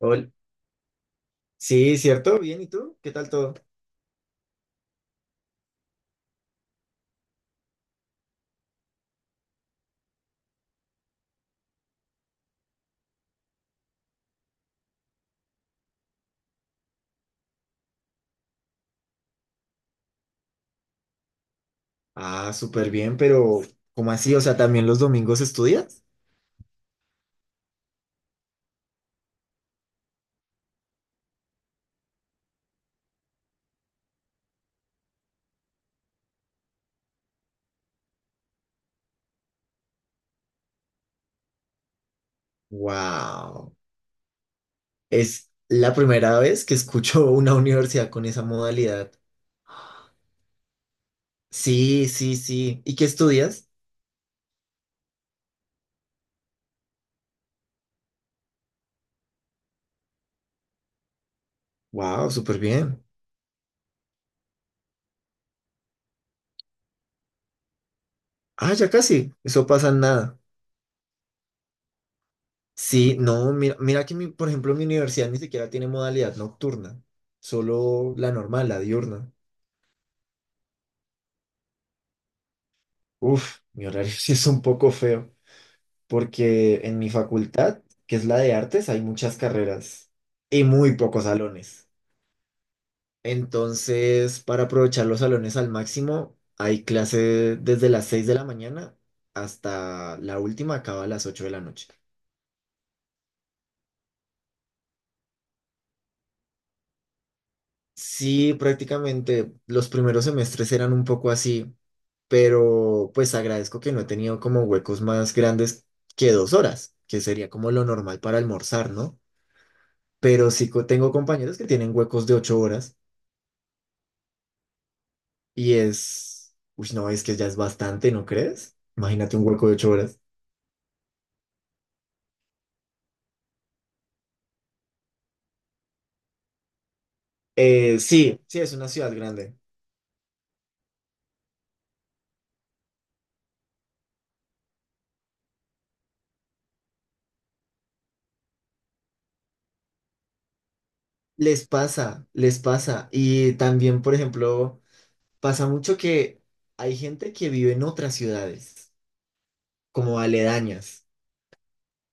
Ol- Sí, ¿cierto? Bien, ¿y tú? ¿Qué tal todo? Ah, súper bien, pero ¿cómo así? O sea, ¿también los domingos estudias? Wow. Es la primera vez que escucho una universidad con esa modalidad. Sí, sí, sí. ¿Y qué estudias? Wow, súper bien. Ah, ya casi. Eso pasa en nada. Sí, no, mira, mira que por ejemplo, mi universidad ni siquiera tiene modalidad nocturna, solo la normal, la diurna. Uf, mi horario sí es un poco feo, porque en mi facultad, que es la de artes, hay muchas carreras y muy pocos salones. Entonces, para aprovechar los salones al máximo, hay clase desde las 6 de la mañana hasta la última acaba a las 8 de la noche. Sí, prácticamente los primeros semestres eran un poco así, pero pues agradezco que no he tenido como huecos más grandes que 2 horas, que sería como lo normal para almorzar, ¿no? Pero sí tengo compañeros que tienen huecos de 8 horas y es, uy, no, es que ya es bastante, ¿no crees? Imagínate un hueco de 8 horas. Sí, sí, es una ciudad grande. Les pasa, les pasa. Y también, por ejemplo, pasa mucho que hay gente que vive en otras ciudades, como aledañas.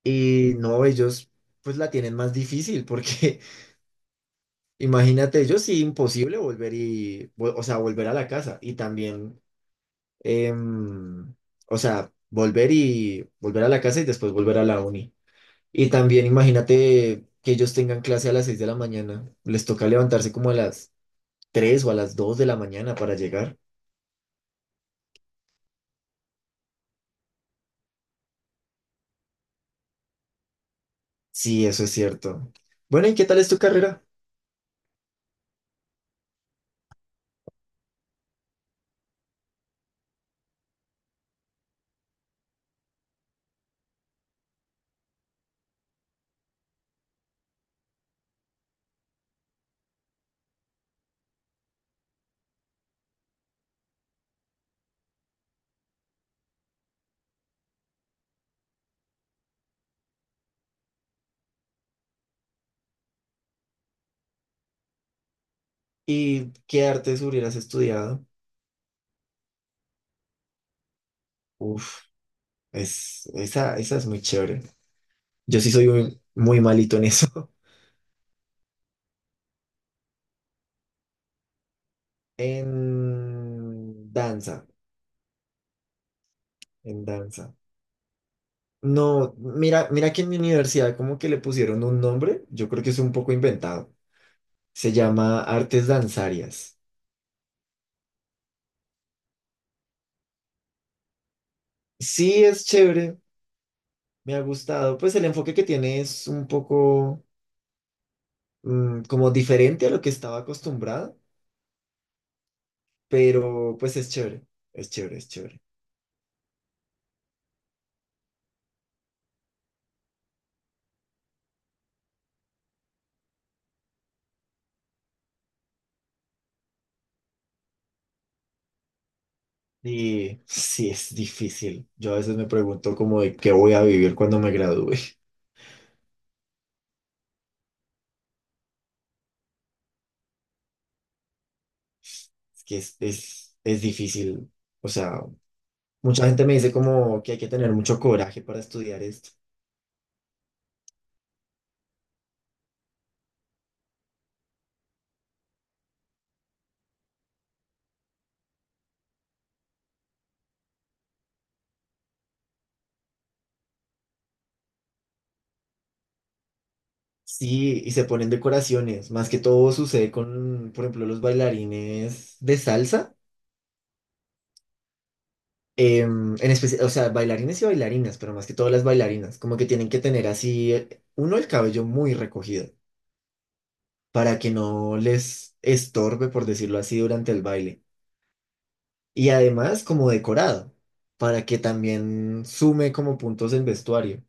Y no, ellos pues la tienen más difícil porque imagínate, ellos sí imposible volver o sea, volver a la casa y también, em, o sea, volver y volver a la casa y después volver a la uni. Y también imagínate que ellos tengan clase a las 6 de la mañana, les toca levantarse como a las 3 o a las 2 de la mañana para llegar. Sí, eso es cierto. Bueno, ¿y qué tal es tu carrera? ¿Y qué artes hubieras estudiado? Uf. Esa esa es muy chévere. Yo sí soy muy, muy malito en eso. En danza, en danza. No, mira, mira que en mi universidad como que le pusieron un nombre, yo creo que es un poco inventado. Se llama Artes Danzarias. Sí, es chévere, me ha gustado. Pues el enfoque que tiene es un poco mm, como diferente a lo que estaba acostumbrado, pero pues es chévere, es chévere, es chévere. Y sí, es difícil. Yo a veces me pregunto como de qué voy a vivir cuando me gradúe. Es que es difícil. O sea, mucha gente me dice como que hay que tener mucho coraje para estudiar esto. Sí, y se ponen decoraciones. Más que todo sucede con, por ejemplo, los bailarines de salsa. En especial, o sea, bailarines y bailarinas, pero más que todo las bailarinas. Como que tienen que tener así, uno, el cabello muy recogido para que no les estorbe, por decirlo así, durante el baile. Y además como decorado, para que también sume como puntos el vestuario.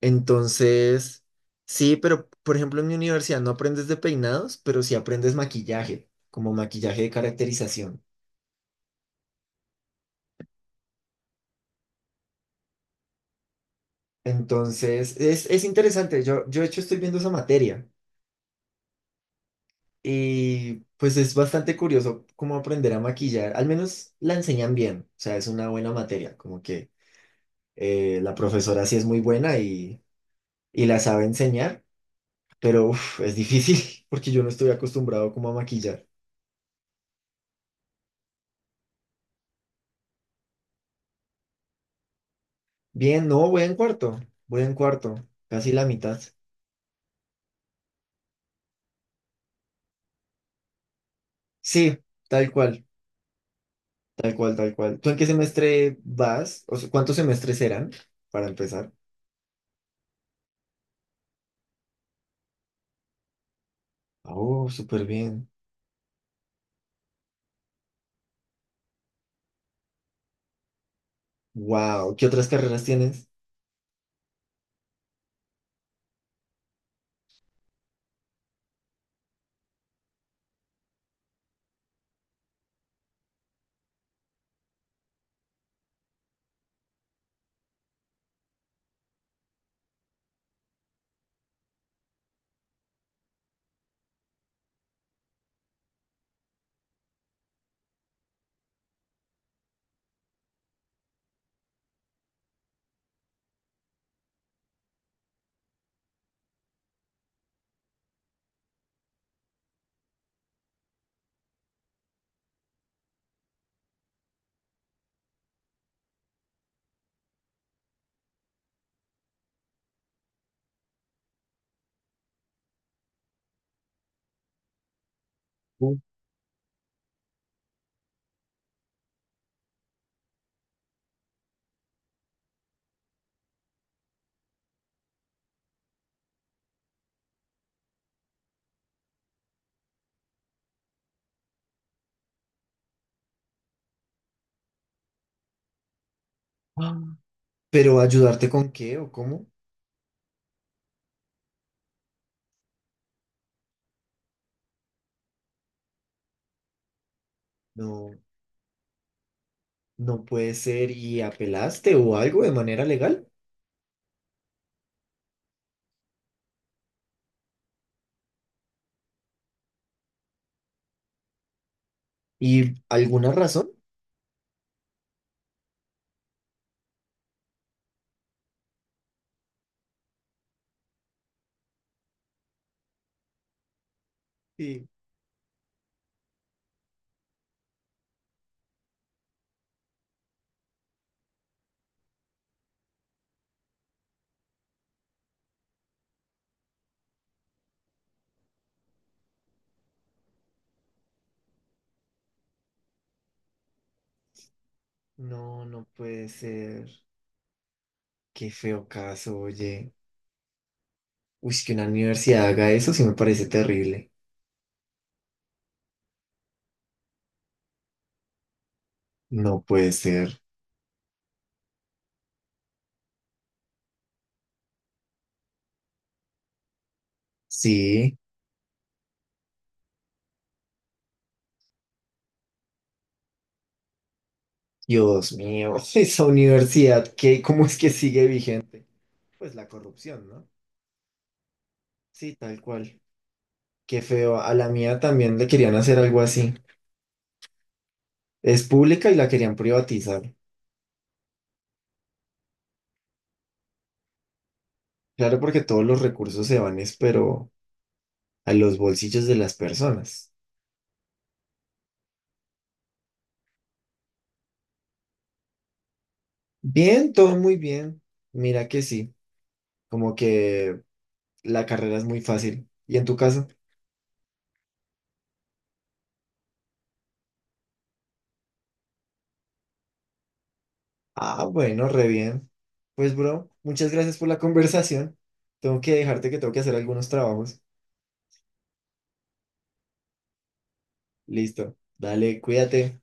Entonces, sí, pero por ejemplo en mi universidad no aprendes de peinados, pero sí aprendes maquillaje, como maquillaje de caracterización. Entonces, es interesante. Yo de hecho estoy viendo esa materia y pues es bastante curioso cómo aprender a maquillar. Al menos la enseñan bien, o sea, es una buena materia, como que la profesora sí es muy buena y la sabe enseñar. Pero uf, es difícil porque yo no estoy acostumbrado como a maquillar. Bien, no, voy en cuarto, casi la mitad. Sí, tal cual, tal cual, tal cual. ¿Tú en qué semestre vas? O sea, ¿cuántos semestres serán para empezar? Oh, súper bien. Wow, ¿qué otras carreras tienes? Uh. Ah, ¿pero ayudarte con qué o cómo? No, no puede ser. ¿Y apelaste o algo de manera legal? ¿Y alguna razón? Sí. No, no puede ser. Qué feo caso, oye. Uy, que una universidad haga eso sí me parece terrible. No puede ser. Sí, Dios mío, esa universidad, ¿qué, cómo es que sigue vigente? Pues la corrupción, ¿no? Sí, tal cual. Qué feo. A la mía también le querían hacer algo así. Es pública y la querían privatizar. Claro, porque todos los recursos se van, es, pero a los bolsillos de las personas. Bien, todo muy bien. Mira que sí, como que la carrera es muy fácil. ¿Y en tu caso? Ah, bueno, re bien. Pues, bro, muchas gracias por la conversación. Tengo que dejarte que tengo que hacer algunos trabajos. Listo. Dale, cuídate.